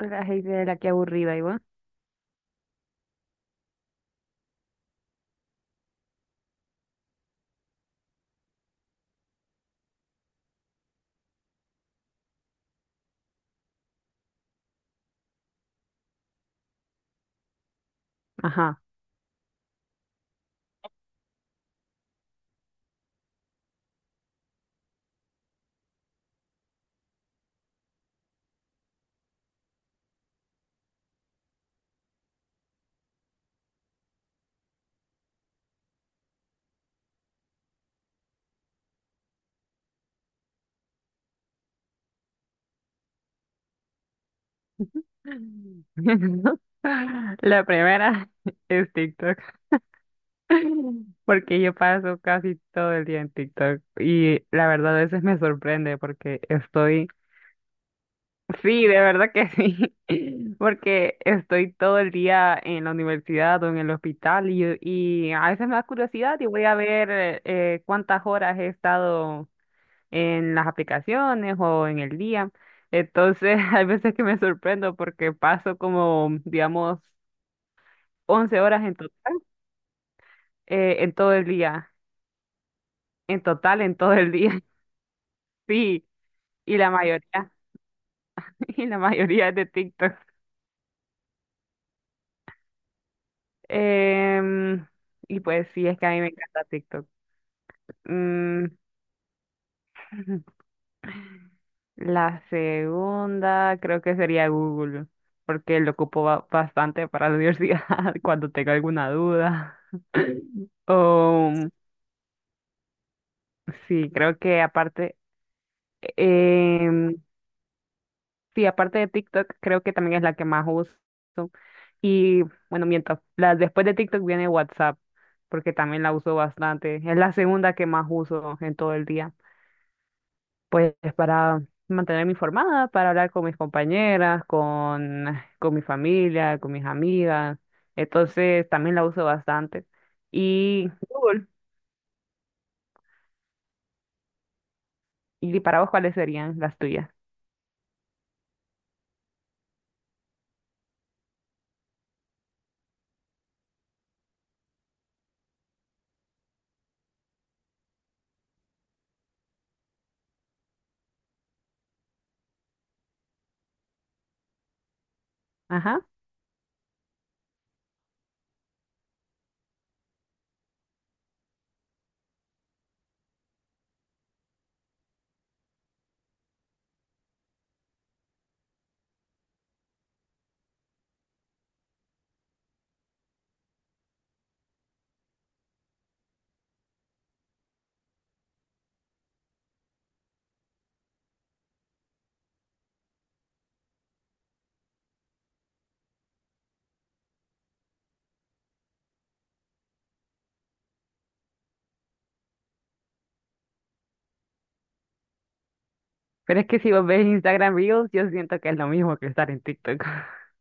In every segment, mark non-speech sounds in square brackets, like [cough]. La gente de la que aburrida, igual. Ajá. [laughs] La primera [laughs] es TikTok, [laughs] porque yo paso casi todo el día en TikTok y la verdad a veces me sorprende porque estoy, sí, de verdad que sí, [laughs] porque estoy todo el día en la universidad o en el hospital y a veces me da curiosidad y voy a ver cuántas horas he estado en las aplicaciones o en el día. Entonces, [laughs] hay veces que me sorprendo porque paso como, digamos, 11 horas en todo el día, en total en todo el día, [laughs] sí, y la mayoría. [laughs] Y la mayoría es de TikTok. Em, y pues sí, es que a mí me encanta TikTok. Mm, [laughs] la segunda creo que sería Google, porque lo ocupo bastante para la universidad [laughs] cuando tengo alguna duda. [laughs] O sí, creo que aparte, em, sí, aparte de TikTok, creo que también es la que más uso. Y bueno, miento, después de TikTok viene WhatsApp, porque también la uso bastante. Es la segunda que más uso en todo el día. Pues para mantenerme informada, para hablar con mis compañeras, con mi familia, con mis amigas. Entonces también la uso bastante. Y Google, ¿y para vos cuáles serían las tuyas? Ajá. Pero es que si vos ves Instagram Reels, yo siento que es lo mismo que estar en TikTok. [laughs]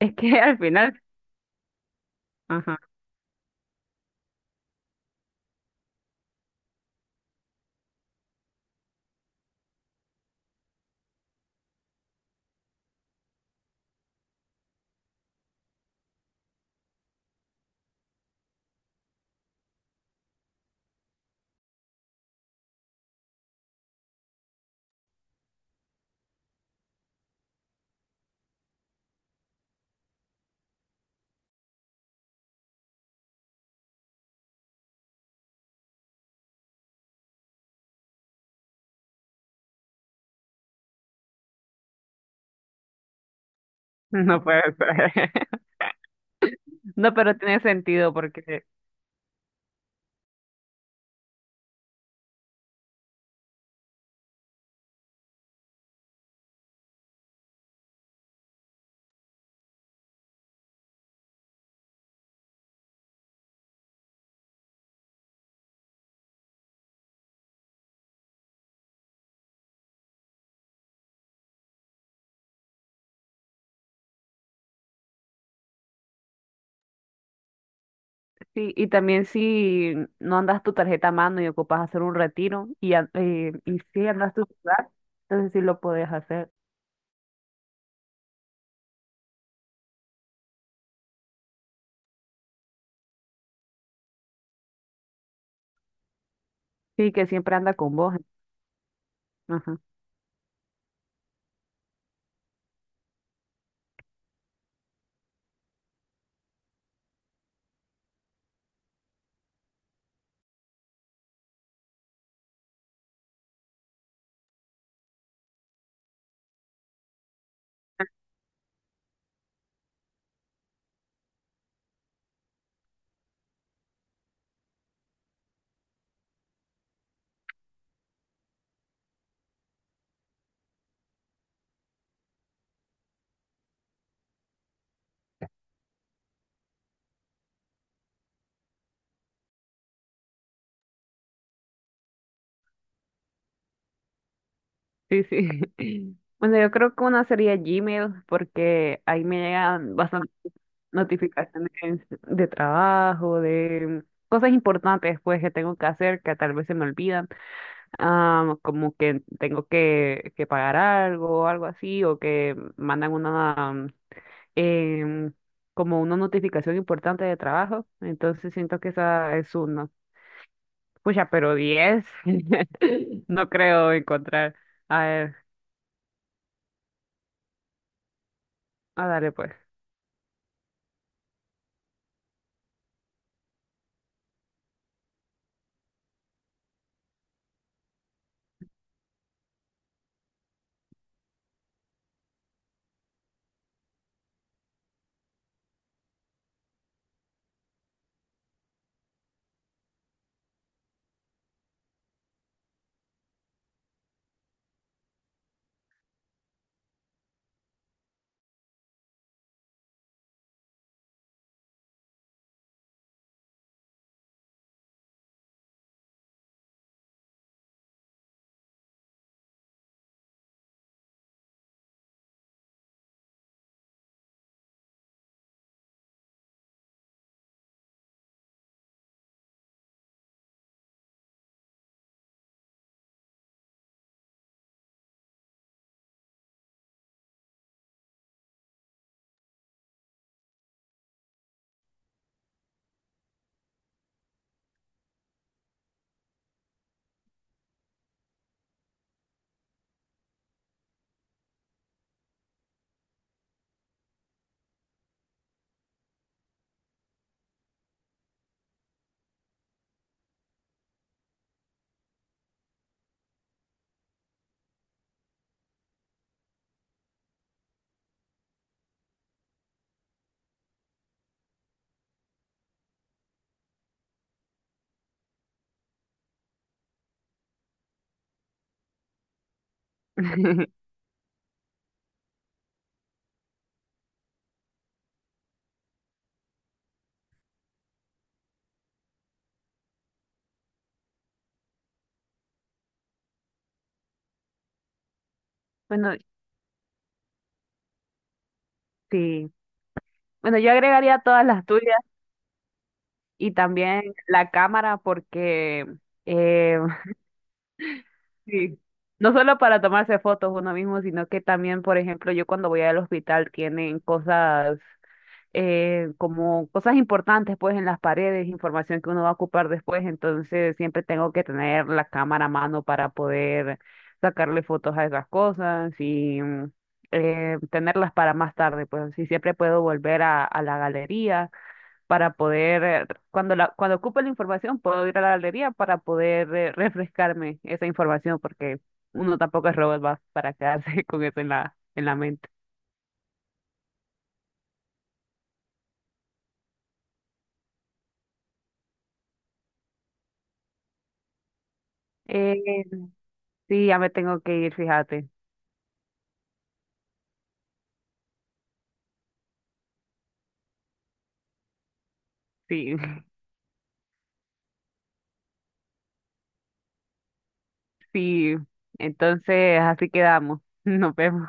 Es que al final, ajá, no puede ser. [laughs] No, pero tiene sentido porque sí, y también si no andas tu tarjeta a mano y ocupas hacer un retiro y sí andas tu celular, entonces sí lo puedes hacer. Sí, que siempre anda con vos. Ajá. Sí, sí. [laughs] Bueno, yo creo que una sería Gmail porque ahí me llegan notificaciones de trabajo, de cosas importantes pues que tengo que hacer que tal vez se me olvidan, como que tengo que pagar algo o algo así, o que mandan una em, como una notificación importante de trabajo, entonces siento que esa es uno. Pucha, pero 10 [laughs] no creo encontrar. A ver, a darle pues. [laughs] Bueno, sí. Bueno, yo agregaría todas las tuyas y también la cámara porque eh, [laughs] sí, no solo para tomarse fotos uno mismo, sino que también, por ejemplo, yo cuando voy al hospital tienen cosas como cosas importantes pues en las paredes, información que uno va a ocupar después, entonces siempre tengo que tener la cámara a mano para poder sacarle fotos a esas cosas y tenerlas para más tarde, pues así siempre puedo volver a la galería para poder, cuando cuando ocupe la información, puedo ir a la galería para poder [laughs] refrescarme esa información, porque uno tampoco es robot va para quedarse [laughs] con eso en la mente. Eh, sí, ya me tengo que ir, fíjate. Sí, [laughs] sí. Entonces, así quedamos. [laughs] Nos vemos.